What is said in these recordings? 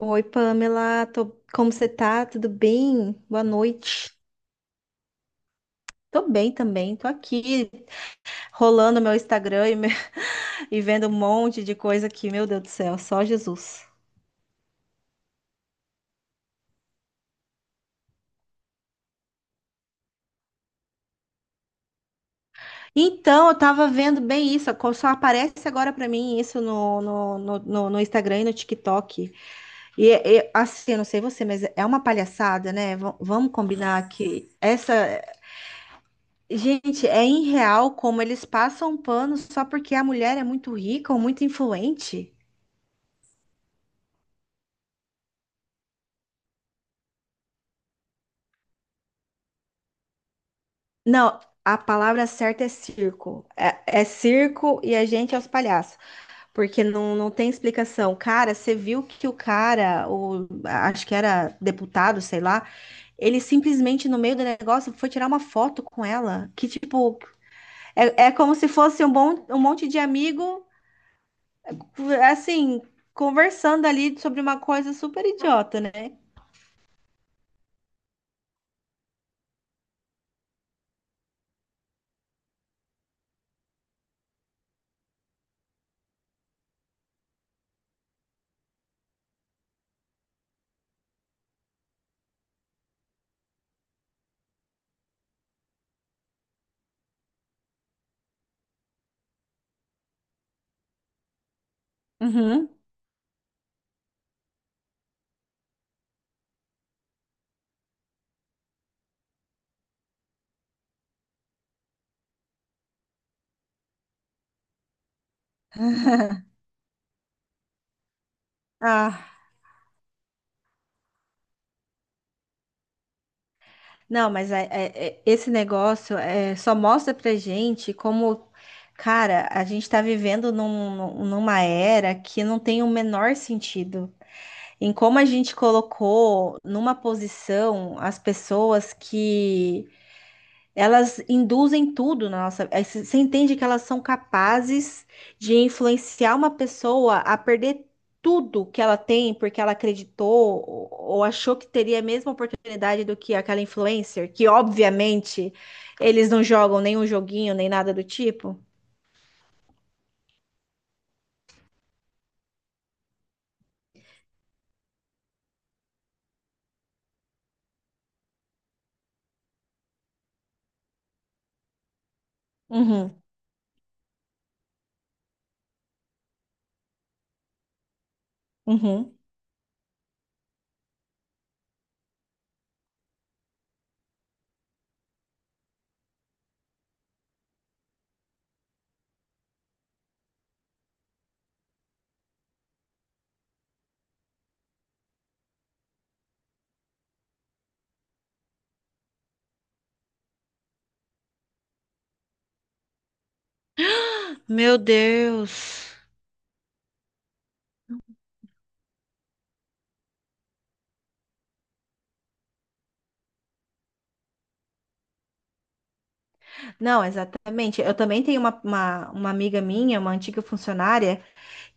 Oi, Pamela, como você tá? Tudo bem? Boa noite. Tô bem também, tô aqui rolando meu Instagram e vendo um monte de coisa aqui, meu Deus do céu, só Jesus. Então, eu tava vendo bem isso, só aparece agora pra mim isso no Instagram e no TikTok. E, assim, eu não sei você, mas é uma palhaçada, né? Vamos combinar que essa. Gente, é irreal como eles passam um pano só porque a mulher é muito rica ou muito influente. Não, a palavra certa é circo. É circo e a gente é os palhaços, porque não tem explicação. Cara, você viu que o cara, acho que era deputado, sei lá, ele simplesmente no meio do negócio foi tirar uma foto com ela, que tipo, é como se fosse um, bom, um monte de amigo, assim, conversando ali sobre uma coisa super idiota, né? Uhum. Ah, não, mas esse negócio é, só mostra pra gente como, cara, a gente tá vivendo numa era que não tem o menor sentido. Em como a gente colocou numa posição as pessoas que elas induzem tudo na nossa. Você entende que elas são capazes de influenciar uma pessoa a perder tudo que ela tem porque ela acreditou ou achou que teria a mesma oportunidade do que aquela influencer, que obviamente eles não jogam nenhum joguinho nem nada do tipo. Uhum, uhum. Meu Deus. Não, exatamente. Eu também tenho uma amiga minha, uma antiga funcionária,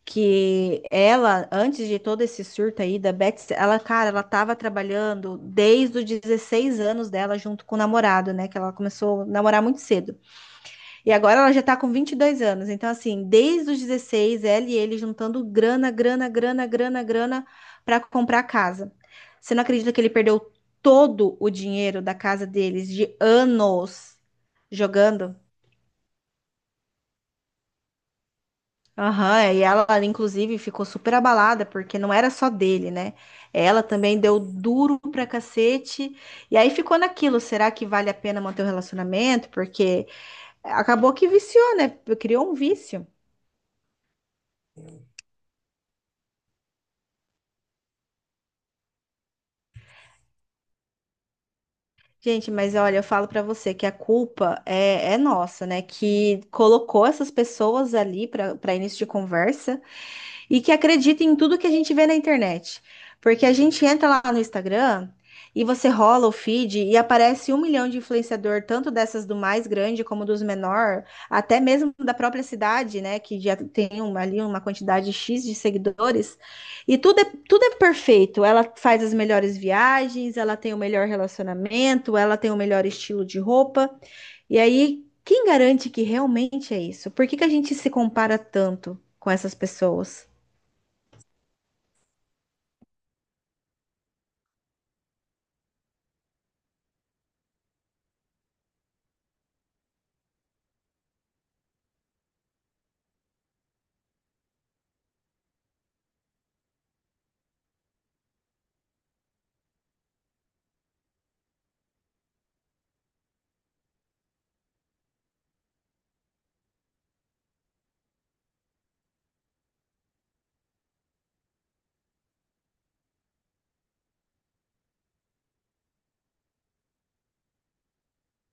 que ela, antes de todo esse surto aí da Betsy, ela, cara, ela tava trabalhando desde os 16 anos dela junto com o namorado, né? Que ela começou a namorar muito cedo. E agora ela já tá com 22 anos. Então, assim, desde os 16 ela e ele juntando grana, grana, grana, grana, grana pra comprar casa. Você não acredita que ele perdeu todo o dinheiro da casa deles de anos jogando? Aham, é, e ela, inclusive, ficou super abalada, porque não era só dele, né? Ela também deu duro pra cacete. E aí ficou naquilo: será que vale a pena manter o relacionamento? Porque acabou que viciou, né? Criou um vício. Gente, mas olha, eu falo pra você que a culpa é nossa, né? Que colocou essas pessoas ali pra para início de conversa. E que acreditem em tudo que a gente vê na internet. Porque a gente entra lá no Instagram e você rola o feed e aparece 1 milhão de influenciador, tanto dessas do mais grande como dos menor, até mesmo da própria cidade, né? Que já tem ali uma quantidade X de seguidores. E tudo é perfeito. Ela faz as melhores viagens, ela tem o melhor relacionamento, ela tem o melhor estilo de roupa. E aí, quem garante que realmente é isso? Por que que a gente se compara tanto com essas pessoas?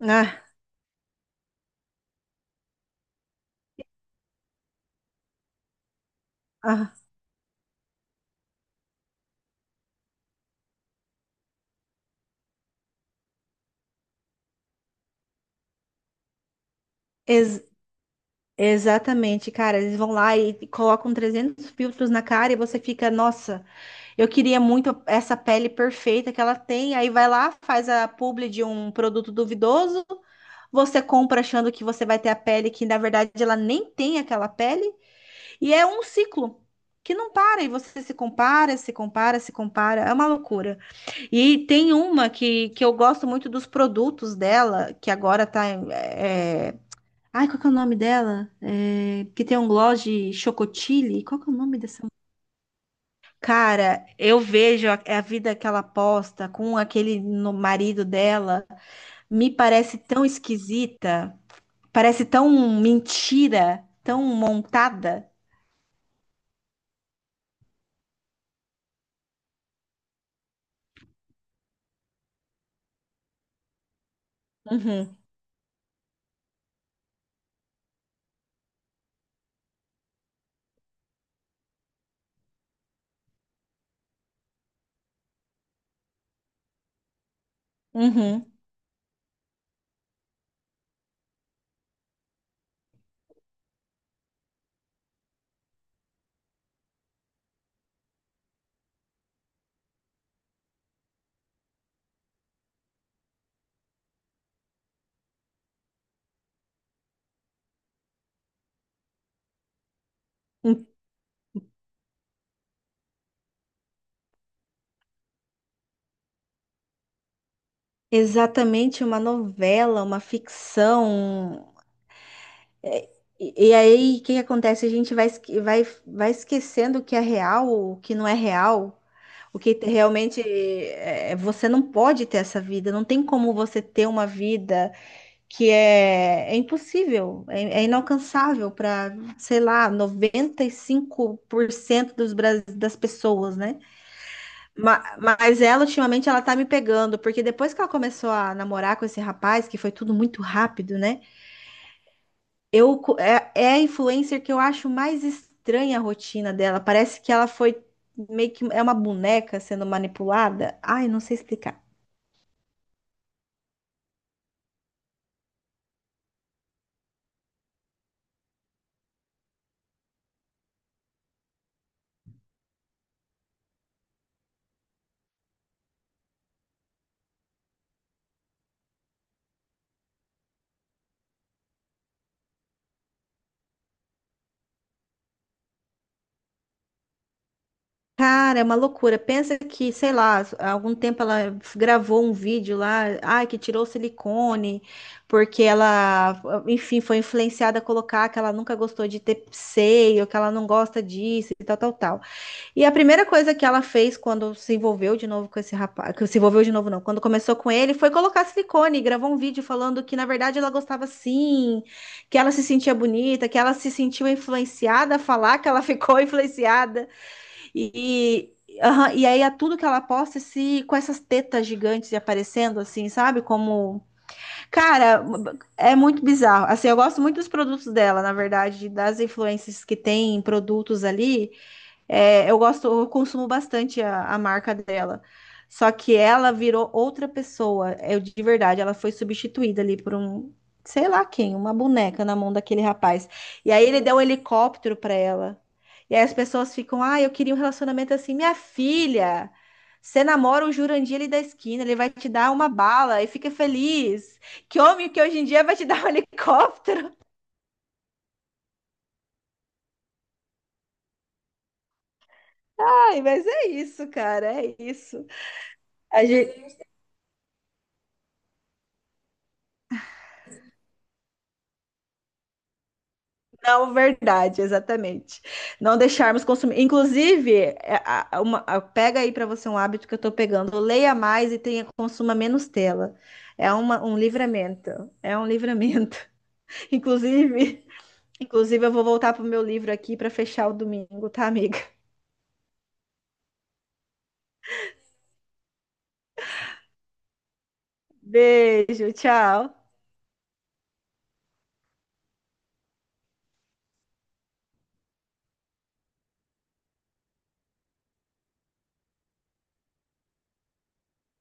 Ah, ah, ex- exatamente, cara. Eles vão lá e colocam 300 filtros na cara e você fica, nossa, eu queria muito essa pele perfeita que ela tem. Aí vai lá, faz a publi de um produto duvidoso. Você compra achando que você vai ter a pele que na verdade ela nem tem aquela pele. E é um ciclo que não para. E você se compara, se compara, se compara. É uma loucura. E tem uma que eu gosto muito dos produtos dela, que agora tá. Ai, qual que é o nome dela? É, que tem um gloss de chocotile. Qual que é o nome dessa? Cara, eu vejo é a vida que ela posta com aquele no marido dela. Me parece tão esquisita. Parece tão mentira, tão montada. Uhum, uhum. Exatamente uma novela, uma ficção. É, e, aí, o que que acontece? A gente vai esquecendo o que é real, o que não é real. O que realmente é, você não pode ter essa vida, não tem como você ter uma vida que é impossível, é inalcançável para, sei lá, 95% dos, das pessoas, né? Mas, ela, ultimamente, ela tá me pegando, porque depois que ela começou a namorar com esse rapaz, que foi tudo muito rápido, né? É a influencer que eu acho mais estranha a rotina dela. Parece que ela foi meio que é uma boneca sendo manipulada. Ai, não sei explicar. Cara, é uma loucura. Pensa que, sei lá, há algum tempo ela gravou um vídeo lá, ai, que tirou silicone, porque ela, enfim, foi influenciada a colocar que ela nunca gostou de ter seio, que ela não gosta disso e tal, tal, tal. E a primeira coisa que ela fez quando se envolveu de novo com esse rapaz, que se envolveu de novo não, quando começou com ele, foi colocar silicone, e gravou um vídeo falando que na verdade ela gostava sim, que ela se sentia bonita, que ela se sentiu influenciada a falar que ela ficou influenciada e, aham, aí a tudo que ela posta se com essas tetas gigantes e aparecendo assim, sabe? Como cara, é muito bizarro. Assim, eu gosto muito dos produtos dela, na verdade, das influências que tem em produtos ali. É, eu gosto, eu consumo bastante a marca dela. Só que ela virou outra pessoa. Eu de verdade, ela foi substituída ali por um, sei lá quem, uma boneca na mão daquele rapaz. E aí ele deu um helicóptero pra ela. E aí as pessoas ficam, ah, eu queria um relacionamento assim, minha filha. Você namora o Jurandir ali da esquina, ele vai te dar uma bala e fica feliz. Que homem que hoje em dia vai te dar um helicóptero? Ai, mas é isso, cara, é isso. A gen- Não, verdade, exatamente. Não deixarmos consumir. Inclusive, pega aí para você um hábito que eu tô pegando. Leia mais e tenha consuma menos tela. É um livramento. É um livramento. Inclusive, inclusive, eu vou voltar pro meu livro aqui para fechar o domingo, tá, amiga? Beijo, tchau.